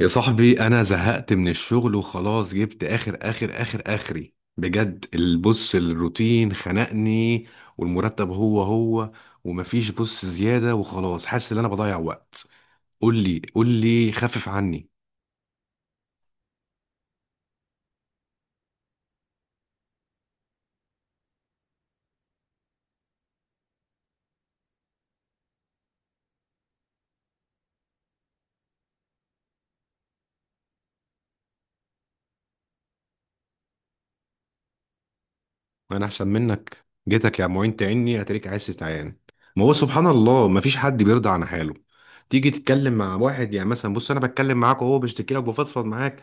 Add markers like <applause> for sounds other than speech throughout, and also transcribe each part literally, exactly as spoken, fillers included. يا صاحبي انا زهقت من الشغل وخلاص جبت اخر اخر اخر اخري بجد. البص الروتين خنقني، والمرتب هو هو، ومفيش بص زيادة، وخلاص حاسس ان انا بضيع وقت. قول لي قول لي، خفف عني. انا احسن منك؟ جيتك يا معين تعني اتريك، عايز تتعين. ما هو سبحان الله، ما فيش حد بيرضى عن حاله. تيجي تتكلم مع واحد، يعني مثلا بص انا بتكلم معاك وهو بشتكي لك، بفضفض معاك،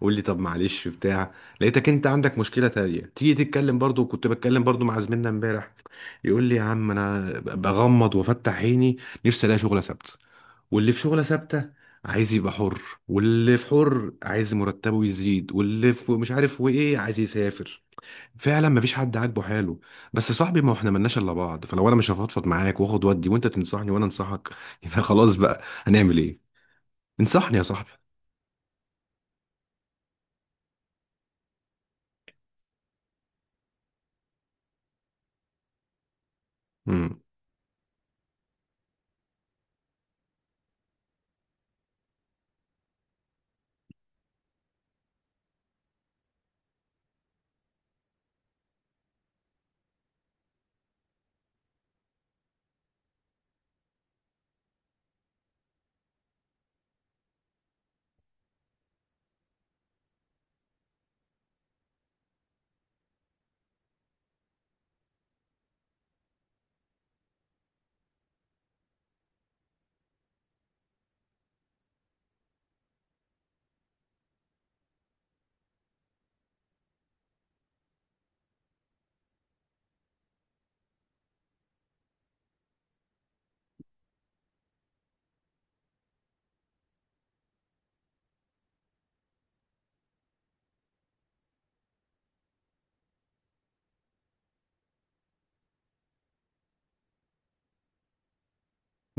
قول لي طب معلش بتاع، لقيتك انت عندك مشكله تانية. تيجي تتكلم برضو، كنت بتكلم برضو مع زميلنا امبارح، يقول لي يا عم انا بغمض وافتح عيني، نفسي الاقي شغله ثابته. واللي في شغله ثابته عايز يبقى حر، واللي في حر عايز مرتبه يزيد، واللي في مش عارف وايه عايز يسافر. فعلا مفيش حد عاجبه حاله. بس يا صاحبي ما احنا ملناش الا بعض، فلو انا مش هفضفض معاك واخد ودي، وانت تنصحني وانا انصحك <laughs> يبقى خلاص، بقى هنعمل ايه؟ انصحني يا صاحبي. امم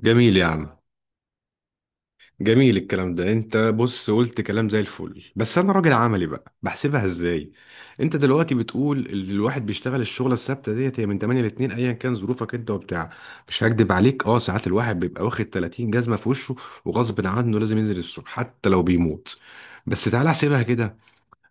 جميل يا عم، جميل الكلام ده. انت بص قلت كلام زي الفل، بس انا راجل عملي بقى، بحسبها ازاي. انت دلوقتي بتقول ال- الواحد بيشتغل الشغله الثابته ديت هي من تمانية ل اتنين، ايا كان ظروفك انت وبتاع. مش هكدب عليك اه، ساعات الواحد بيبقى واخد تلاتين جزمه في وشه، وغصب عنه لازم ينزل الصبح حتى لو بيموت. بس تعالى احسبها كده.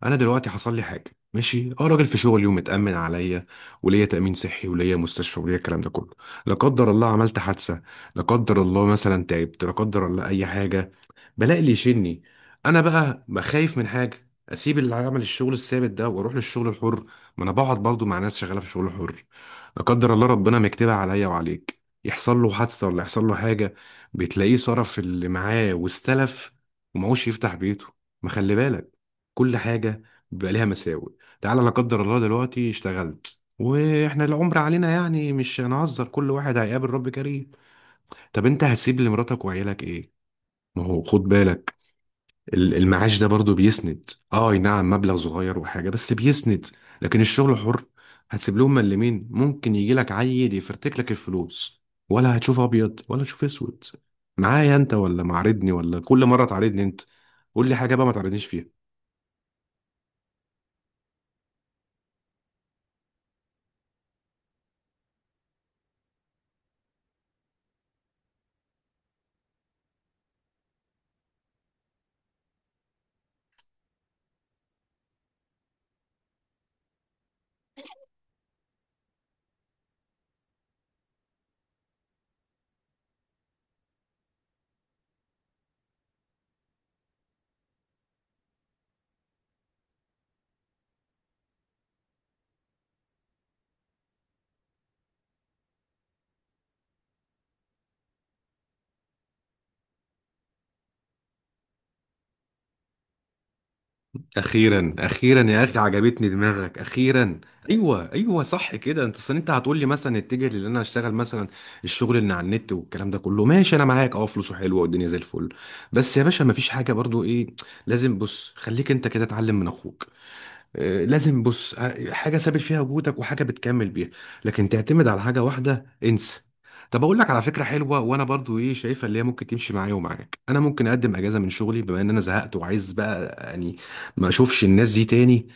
انا دلوقتي حصل لي حاجه، ماشي اه راجل في شغلي ومتامن عليا، وليا تامين صحي، وليا مستشفى، وليا الكلام ده كله. لا قدر الله عملت حادثه، لا قدر الله مثلا تعبت، لا قدر الله اي حاجه، بلاقي اللي يشني. انا بقى بخايف من حاجه اسيب اللي عمل الشغل الثابت ده واروح للشغل الحر. ما انا بقعد برضو مع ناس شغاله في الشغل الحر، لا قدر الله ربنا مكتبها عليا وعليك، يحصل له حادثه ولا يحصل له حاجه، بتلاقيه صرف اللي معاه واستلف، ومعوش يفتح بيته. ما خلي بالك، كل حاجه بيبقى ليها مساوئ. تعالى لا قدر الله دلوقتي اشتغلت، واحنا العمر علينا يعني مش هنهزر، كل واحد هيقابل رب كريم، طب انت هتسيب لمراتك وعيالك ايه؟ ما هو خد بالك، ال- المعاش ده برضو بيسند، اه أي نعم مبلغ صغير وحاجة، بس بيسند. لكن الشغل حر، هتسيب لهم ملمين، ممكن يجي لك عيل يفرتك لك الفلوس، ولا هتشوف ابيض ولا تشوف اسود. معايا انت ولا معارضني؟ ولا كل مرة تعارضني؟ انت قول لي حاجة بقى ما تعارضنيش فيها. اخيرا اخيرا يا اخي عجبتني دماغك، اخيرا. ايوه ايوه، صح كده. انت اصل انت هتقول لي مثلا اتجه لان انا اشتغل مثلا الشغل اللي على النت والكلام ده كله. ماشي انا معاك، اه فلوسه حلوه والدنيا زي الفل، بس يا باشا مفيش حاجه برضو ايه، لازم بص خليك انت كده اتعلم من اخوك، آه، لازم بص ع- حاجه ثابت فيها وجودك، وحاجه بتكمل بيها. لكن تعتمد على حاجه واحده؟ انسى. طب اقول لك على فكره حلوه، وانا برضو ايه شايفها، اللي هي ممكن تمشي معايا ومعاك. انا ممكن اقدم اجازه من شغلي، بما ان انا زهقت وعايز بقى يعني ما اشوفش الناس دي تاني،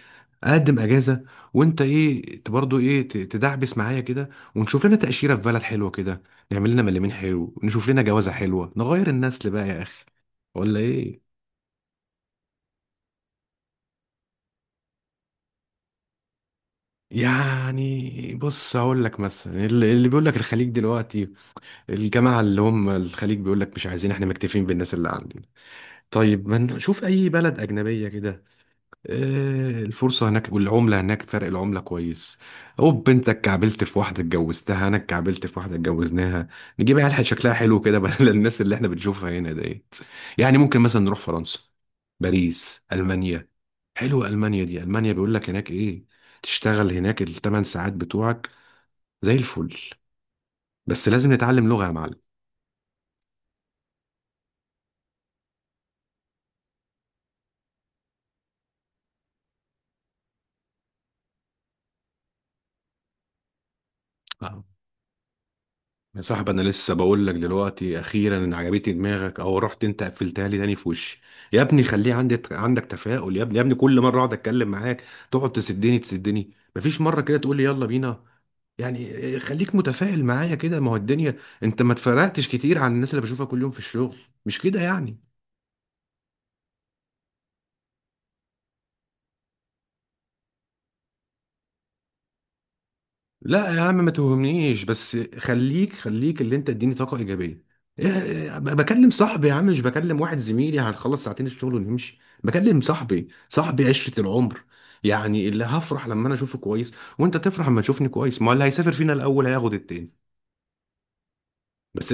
اقدم اجازه، وانت ايه ت- برضو ايه ت- تدعبس معايا كده، ونشوف لنا تاشيره في بلد حلوه كده، نعمل لنا مليمين حلو، نشوف لنا جوازه حلوه، نغير النسل بقى يا اخي، ولا ايه؟ يعني بص هقول لك مثلا، اللي اللي بيقول لك الخليج دلوقتي، الجماعه اللي هم الخليج بيقول لك مش عايزين، احنا مكتفين بالناس اللي عندنا. طيب ما نشوف اي بلد اجنبيه كده، آه، الفرصة هناك والعملة هناك، فرق العملة كويس. أوب أنت اتكعبلت في واحدة اتجوزتها، أنا اتكعبلت في واحدة اتجوزناها، نجيب عيال شكلها حلو كده <laughs> بدل الناس اللي احنا بنشوفها هنا ديت. يعني ممكن مثلا نروح فرنسا، باريس، ألمانيا. حلوة ألمانيا دي، ألمانيا بيقول لك هناك إيه، تشتغل هناك الثمان ساعات بتوعك، زي الفل. بس لازم نتعلم لغة. يا معلم، يا صاحبي، انا لسه بقول لك دلوقتي اخيرا ان عجبتني دماغك، او رحت انت قفلتها لي تاني في وشي. يا ابني خليه عندي عندك تفاؤل، يا ابني يا ابني، كل مره اقعد اتكلم معاك تقعد تسدني تسدني. مفيش مره كده تقول لي يلا بينا، يعني إيه، خليك متفائل معايا كده. ما هو الدنيا، انت ما اتفرقتش كتير عن الناس اللي بشوفها كل يوم في الشغل، مش كده يعني؟ لا يا عم ما توهمنيش، بس خليك خليك اللي انت اديني طاقة إيجابية. إيه- إيه، ب- بكلم صاحبي يا عم، مش بكلم واحد زميلي هنخلص ساعتين الشغل ونمشي. بكلم صاحبي، صاحبي عشرة العمر، يعني اللي هفرح لما انا اشوفه كويس، وانت تفرح لما تشوفني كويس. ما اللي هيسافر فينا الاول هياخد التاني. بس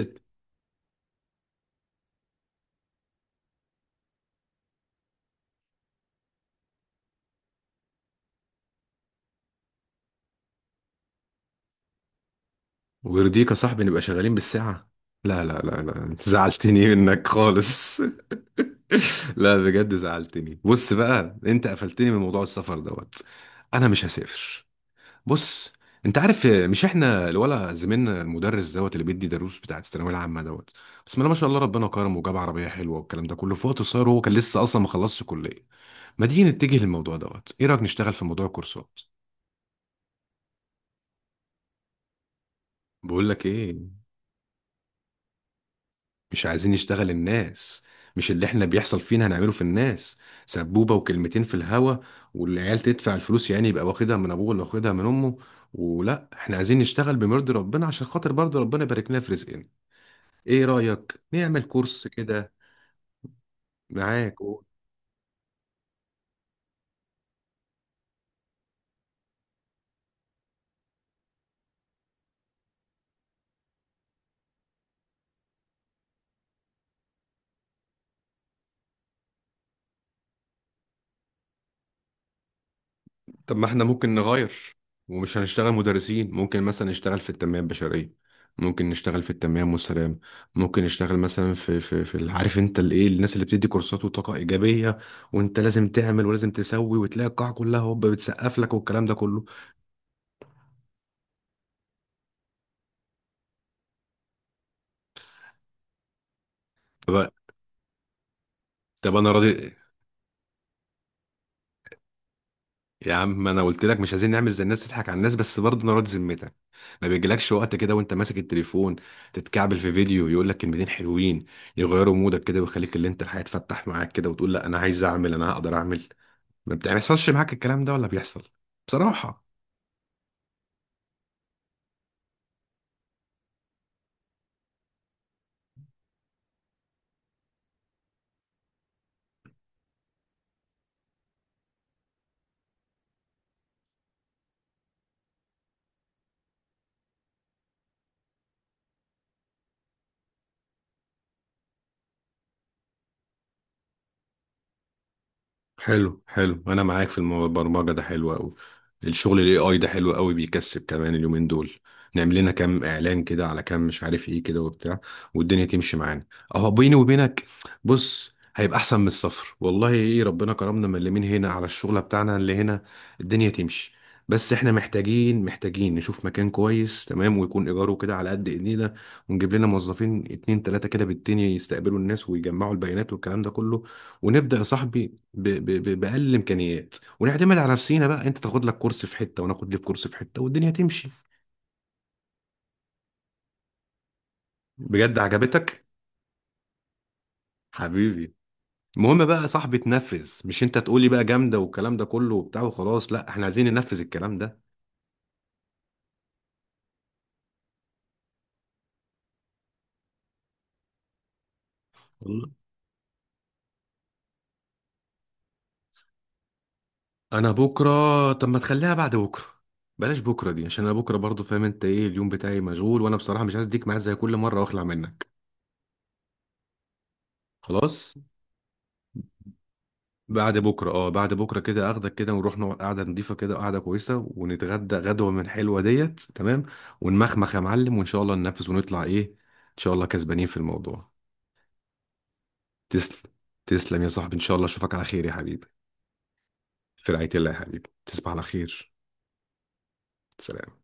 ويرضيك يا صاحبي نبقى شغالين بالساعة؟ لا لا لا لا، انت زعلتني منك خالص <laughs> لا بجد زعلتني، بص بقى انت قفلتني من موضوع السفر دوت، انا مش هسافر. بص انت عارف آه، مش احنا الولا زميلنا المدرس دوت اللي بيدي دروس بتاعت الثانويه العامه دوت؟ بسم الله ما شاء الله، ربنا كرمه وجاب عربيه حلوه والكلام ده كله في وقت قصير، وهو كان لسه اصلا ما خلصش كليه. ما تيجي نتجه للموضوع دوت، ايه رايك نشتغل في موضوع الكورسات؟ بقول لك ايه، مش عايزين نشتغل الناس، مش اللي احنا بيحصل فينا هنعمله في الناس، سبوبه وكلمتين في الهوا والعيال تدفع الفلوس، يعني يبقى واخدها من ابوه ولا واخدها من امه. ولا احنا عايزين نشتغل بمرضي ربنا عشان خاطر برضه ربنا يبارك لنا في رزقنا. ايه رأيك نعمل كورس كده معاك و... طب ما احنا ممكن نغير ومش هنشتغل مدرسين، ممكن مثلا نشتغل في التنمية البشرية، ممكن نشتغل في التنمية المستدامة، ممكن نشتغل مثلا في في في ال- عارف انت الايه، الناس اللي بتدي كورسات وطاقة إيجابية، وانت لازم تعمل ولازم تسوي، وتلاقي القاعة كلها هوب بتسقف لك والكلام ده كله. طب طب انا راضي. يا عم ما انا قلت لك مش عايزين نعمل زي الناس تضحك على الناس، بس برضه نراضي ذمتك. ما بيجيلكش وقت كده وانت ماسك التليفون تتكعبل في فيديو يقول لك كلمتين حلوين، يغيروا مودك كده ويخليك اللي انت الحياة تفتح معاك كده، وتقول لا انا عايز اعمل، انا هقدر اعمل؟ ما بتحصلش معاك الكلام ده ولا بيحصل؟ بصراحة. حلو حلو، انا معاك في المو- البرمجه ده حلو قوي. الشغل الاي اي ده حلو قوي، بيكسب كمان اليومين دول. نعمل لنا كام اعلان كده على كام، مش عارف ايه كده وبتاع، والدنيا تمشي معانا. اهو بيني وبينك بص هيبقى احسن من الصفر. والله ايه، ربنا كرمنا من اللي من هنا على الشغله بتاعنا اللي هنا، الدنيا تمشي. بس احنا محتاجين محتاجين نشوف مكان كويس تمام، ويكون ايجاره كده على قد ايدينا، ونجيب لنا موظفين اتنين تلاتة كده بالدنيا يستقبلوا الناس ويجمعوا البيانات والكلام ده كله. ونبدأ يا صاحبي ب... ب... ب... باقل الامكانيات، ونعتمد على نفسينا. بقى انت تاخد لك كورس في حته، وناخد لي في كورس في حته، والدنيا تمشي. بجد عجبتك؟ حبيبي. المهم بقى يا صاحبي تنفذ، مش انت تقولي بقى جامده والكلام ده كله وبتاع وخلاص، لا احنا عايزين ننفذ الكلام ده. والله. انا بكره؟ طب ما تخليها بعد بكره، بلاش بكره دي عشان انا بكره برضو فاهم انت ايه، اليوم بتاعي مشغول، وانا بصراحه مش عايز اديك معايا زي كل مره واخلع منك. خلاص، بعد بكره اه، بعد بكره كده اخدك كده ونروح نقعد قعده نضيفه كده، قعده كويسه، ونتغدى غدوه من حلوه ديت، تمام. ونمخمخ يا معلم، وان شاء الله ننفذ ونطلع ايه، ان شاء الله كسبانين في الموضوع. تسلم، تسلم يا صاحبي، ان شاء الله اشوفك على خير يا حبيبي. في رعايه الله يا حبيبي، تصبح على خير. سلام.